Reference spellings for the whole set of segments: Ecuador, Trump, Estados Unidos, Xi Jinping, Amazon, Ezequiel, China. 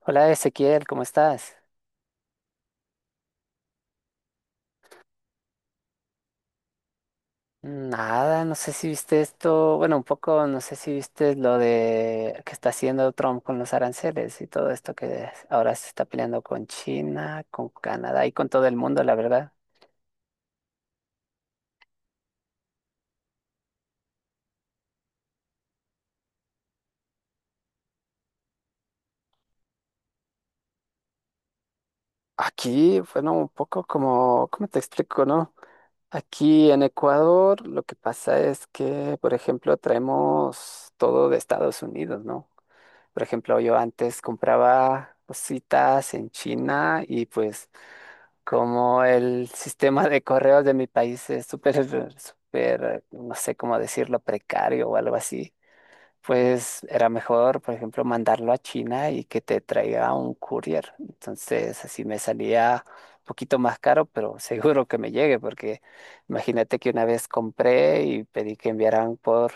Hola Ezequiel, ¿cómo estás? Nada, no sé si viste esto, bueno, un poco, no sé si viste lo de que está haciendo Trump con los aranceles y todo esto que ahora se está peleando con China, con Canadá y con todo el mundo, la verdad. Aquí, bueno, un poco como, ¿cómo te explico, no? Aquí en Ecuador lo que pasa es que, por ejemplo, traemos todo de Estados Unidos, ¿no? Por ejemplo, yo antes compraba cositas en China y pues como el sistema de correos de mi país es súper, súper, no sé cómo decirlo, precario o algo así, pues era mejor, por ejemplo, mandarlo a China y que te traiga un courier. Entonces, así me salía un poquito más caro, pero seguro que me llegue, porque imagínate que una vez compré y pedí que enviaran por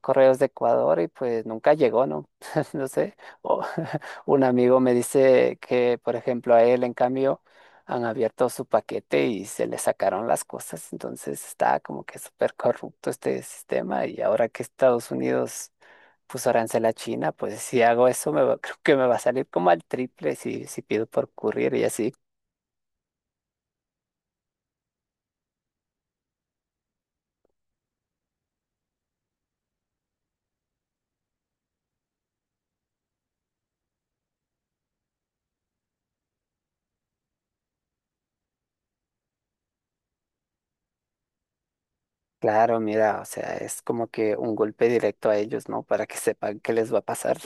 correos de Ecuador y pues nunca llegó, ¿no? No sé. O un amigo me dice que, por ejemplo, a él, en cambio, han abierto su paquete y se le sacaron las cosas. Entonces, está como que súper corrupto este sistema y ahora que Estados Unidos puso arancel a China, pues si hago eso, creo que me va a salir como al triple si pido por courier y así. Claro, mira, o sea, es como que un golpe directo a ellos, ¿no? Para que sepan qué les va a pasar.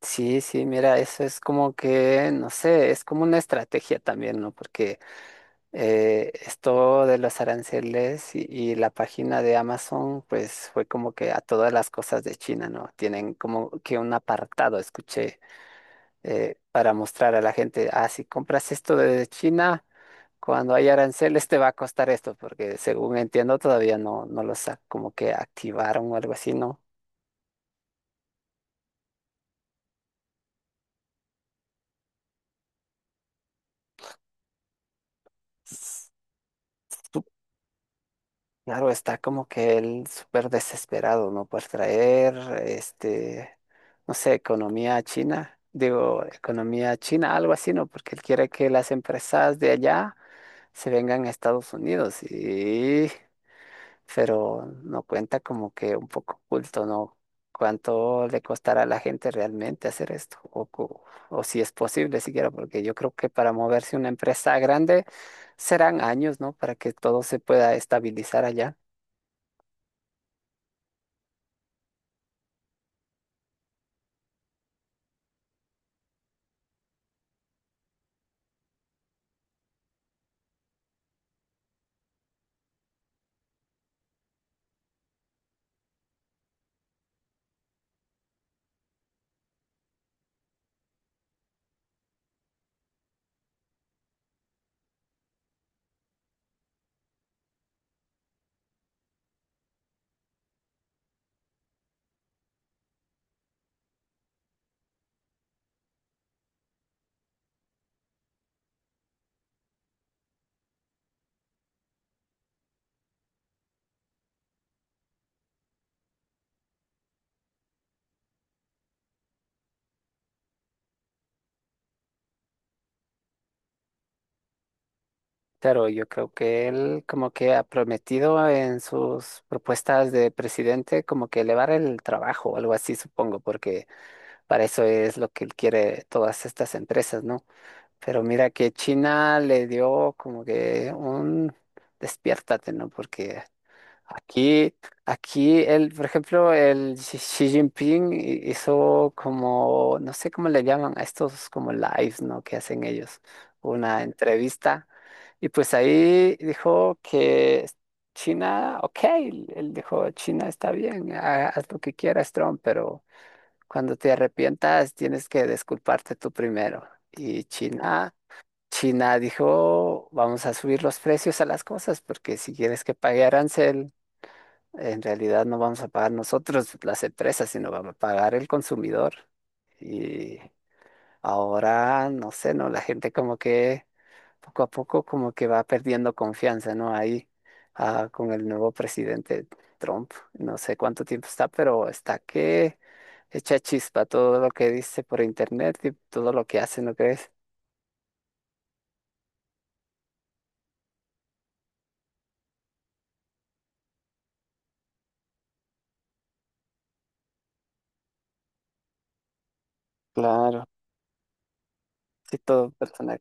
Sí, sí, mira, eso es como que, no sé, es como una estrategia también, ¿no? Porque esto de los aranceles y la página de Amazon, pues fue como que a todas las cosas de China, ¿no? Tienen como que un apartado, escuché para mostrar a la gente, ah, si compras esto de China, cuando hay aranceles te va a costar esto, porque según entiendo todavía no, como que activaron o algo así, ¿no? S- su- Claro, está como que él súper desesperado, ¿no? Por traer, este, no sé, economía a china, digo, economía a china, algo así, ¿no? Porque él quiere que las empresas de allá se vengan a Estados Unidos y pero no cuenta como que un poco oculto, ¿no? ¿Cuánto le costará a la gente realmente hacer esto? O, o si es posible siquiera, porque yo creo que para moverse una empresa grande serán años, ¿no? Para que todo se pueda estabilizar allá. Pero yo creo que él como que ha prometido en sus propuestas de presidente como que elevar el trabajo o algo así, supongo, porque para eso es lo que él quiere todas estas empresas, ¿no? Pero mira que China le dio como que un despiértate, ¿no? Porque aquí, aquí él, por ejemplo, el Xi Jinping hizo como, no sé cómo le llaman a estos como lives, ¿no? Que hacen ellos, una entrevista. Y pues ahí dijo que China, ok, él dijo, China está bien, haz lo que quieras, Trump, pero cuando te arrepientas tienes que disculparte tú primero. Y China... China dijo, vamos a subir los precios a las cosas, porque si quieres que pague arancel, en realidad no vamos a pagar nosotros las empresas, sino vamos a pagar el consumidor. Y ahora, no sé, ¿no? La gente como que poco a poco como que va perdiendo confianza, ¿no? Ahí con el nuevo presidente Trump, no sé cuánto tiempo está, pero está que echa chispa todo lo que dice por internet y todo lo que hace, ¿no crees? Claro, sí, todo personal.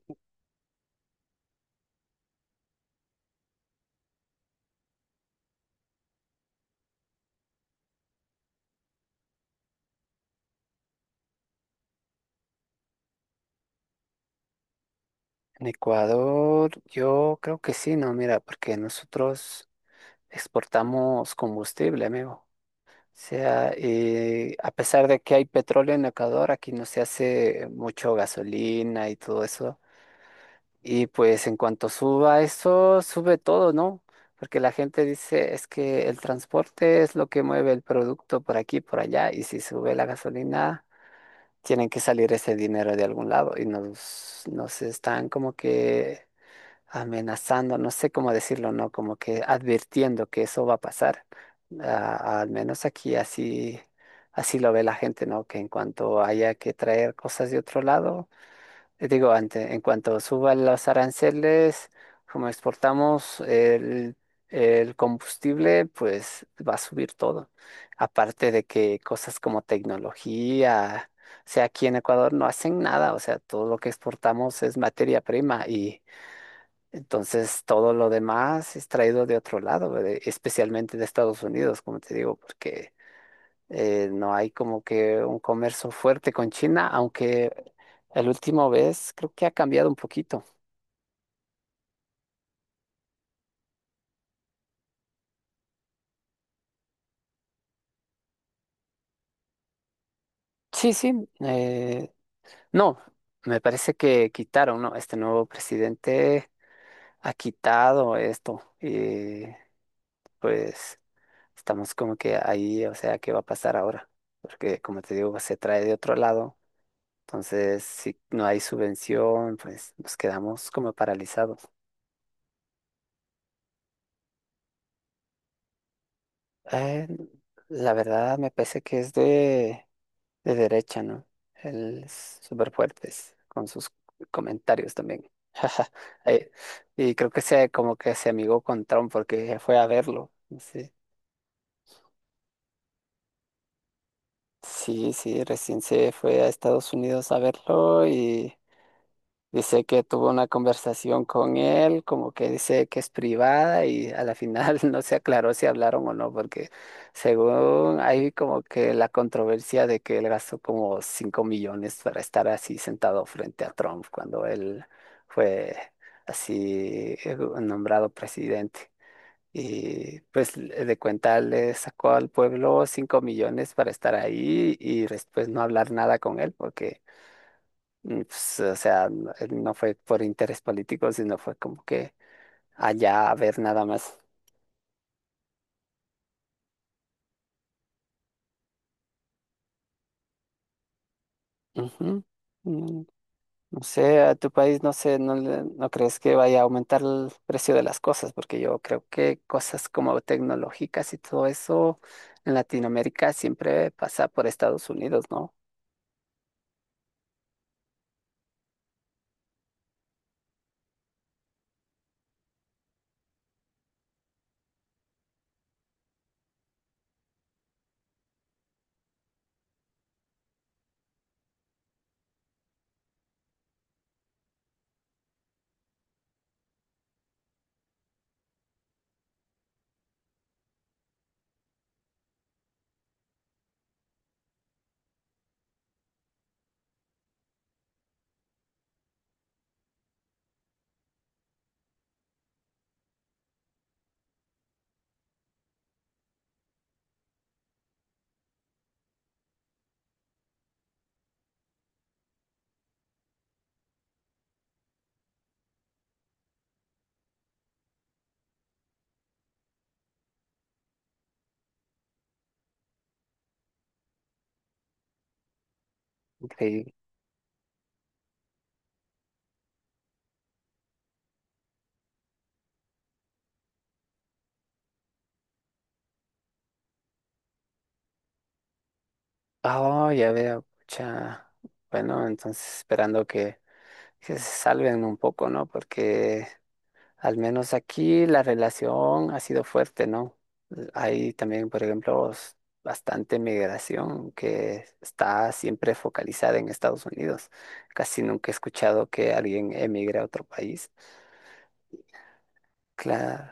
En Ecuador, yo creo que sí, no, mira, porque nosotros exportamos combustible, amigo. O sea, a pesar de que hay petróleo en Ecuador, aquí no se hace mucho gasolina y todo eso. Y pues en cuanto suba eso, sube todo, ¿no? Porque la gente dice, es que el transporte es lo que mueve el producto por aquí, por allá, y si sube la gasolina, tienen que salir ese dinero de algún lado y nos están como que amenazando, no sé cómo decirlo, ¿no? Como que advirtiendo que eso va a pasar. Ah, al menos aquí así, así lo ve la gente, ¿no? Que en cuanto haya que traer cosas de otro lado, digo, ante, en cuanto suban los aranceles, como exportamos el combustible, pues va a subir todo. Aparte de que cosas como tecnología... O sea, aquí en Ecuador no hacen nada, o sea, todo lo que exportamos es materia prima y entonces, todo lo demás es traído de otro lado, ¿verdad? Especialmente de Estados Unidos, como te digo, porque no hay como que un comercio fuerte con China, aunque el último vez creo que ha cambiado un poquito. Sí, sí, no, me parece que quitaron, ¿no? Este nuevo presidente ha quitado esto y pues estamos como que ahí, o sea, ¿qué va a pasar ahora? Porque como te digo, se trae de otro lado. Entonces, si no hay subvención, pues nos quedamos como paralizados. Eh, la verdad me parece que es de derecha, ¿no? Él es súper fuerte con sus comentarios también. Eh, Y creo que se, como que se amigó con Trump porque fue a verlo. Sí, sí, sí, recién se fue a Estados Unidos a verlo y dice que tuvo una conversación con él, como que dice que es privada y a la final no se aclaró si hablaron o no, porque según hay como que la controversia de que él gastó como 5 millones para estar así sentado frente a Trump cuando él fue así nombrado presidente. Y pues de cuenta le sacó al pueblo 5 millones para estar ahí y después no hablar nada con él porque y, pues, o sea, no no fue por interés político, sino fue como que allá a ver nada más. Ujú. Mm, no sé, a tu país, no sé, no, no crees que vaya a aumentar el precio de las cosas, porque yo creo que cosas como tecnológicas y todo eso en Latinoamérica siempre pasa por Estados Unidos, ¿no? Increíble. Oh, ya veo, pucha. Bueno, entonces esperando que se salven un poco, ¿no? Porque al menos aquí la relación ha sido fuerte, ¿no? Hay también, por ejemplo, bastante migración que está siempre focalizada en Estados Unidos. Casi nunca he escuchado que alguien emigre a otro país. Claro,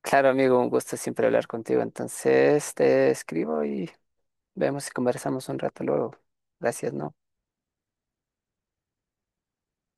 claro, amigo, un gusto siempre hablar contigo. Entonces te escribo y vemos si conversamos un rato luego. Gracias, ¿no?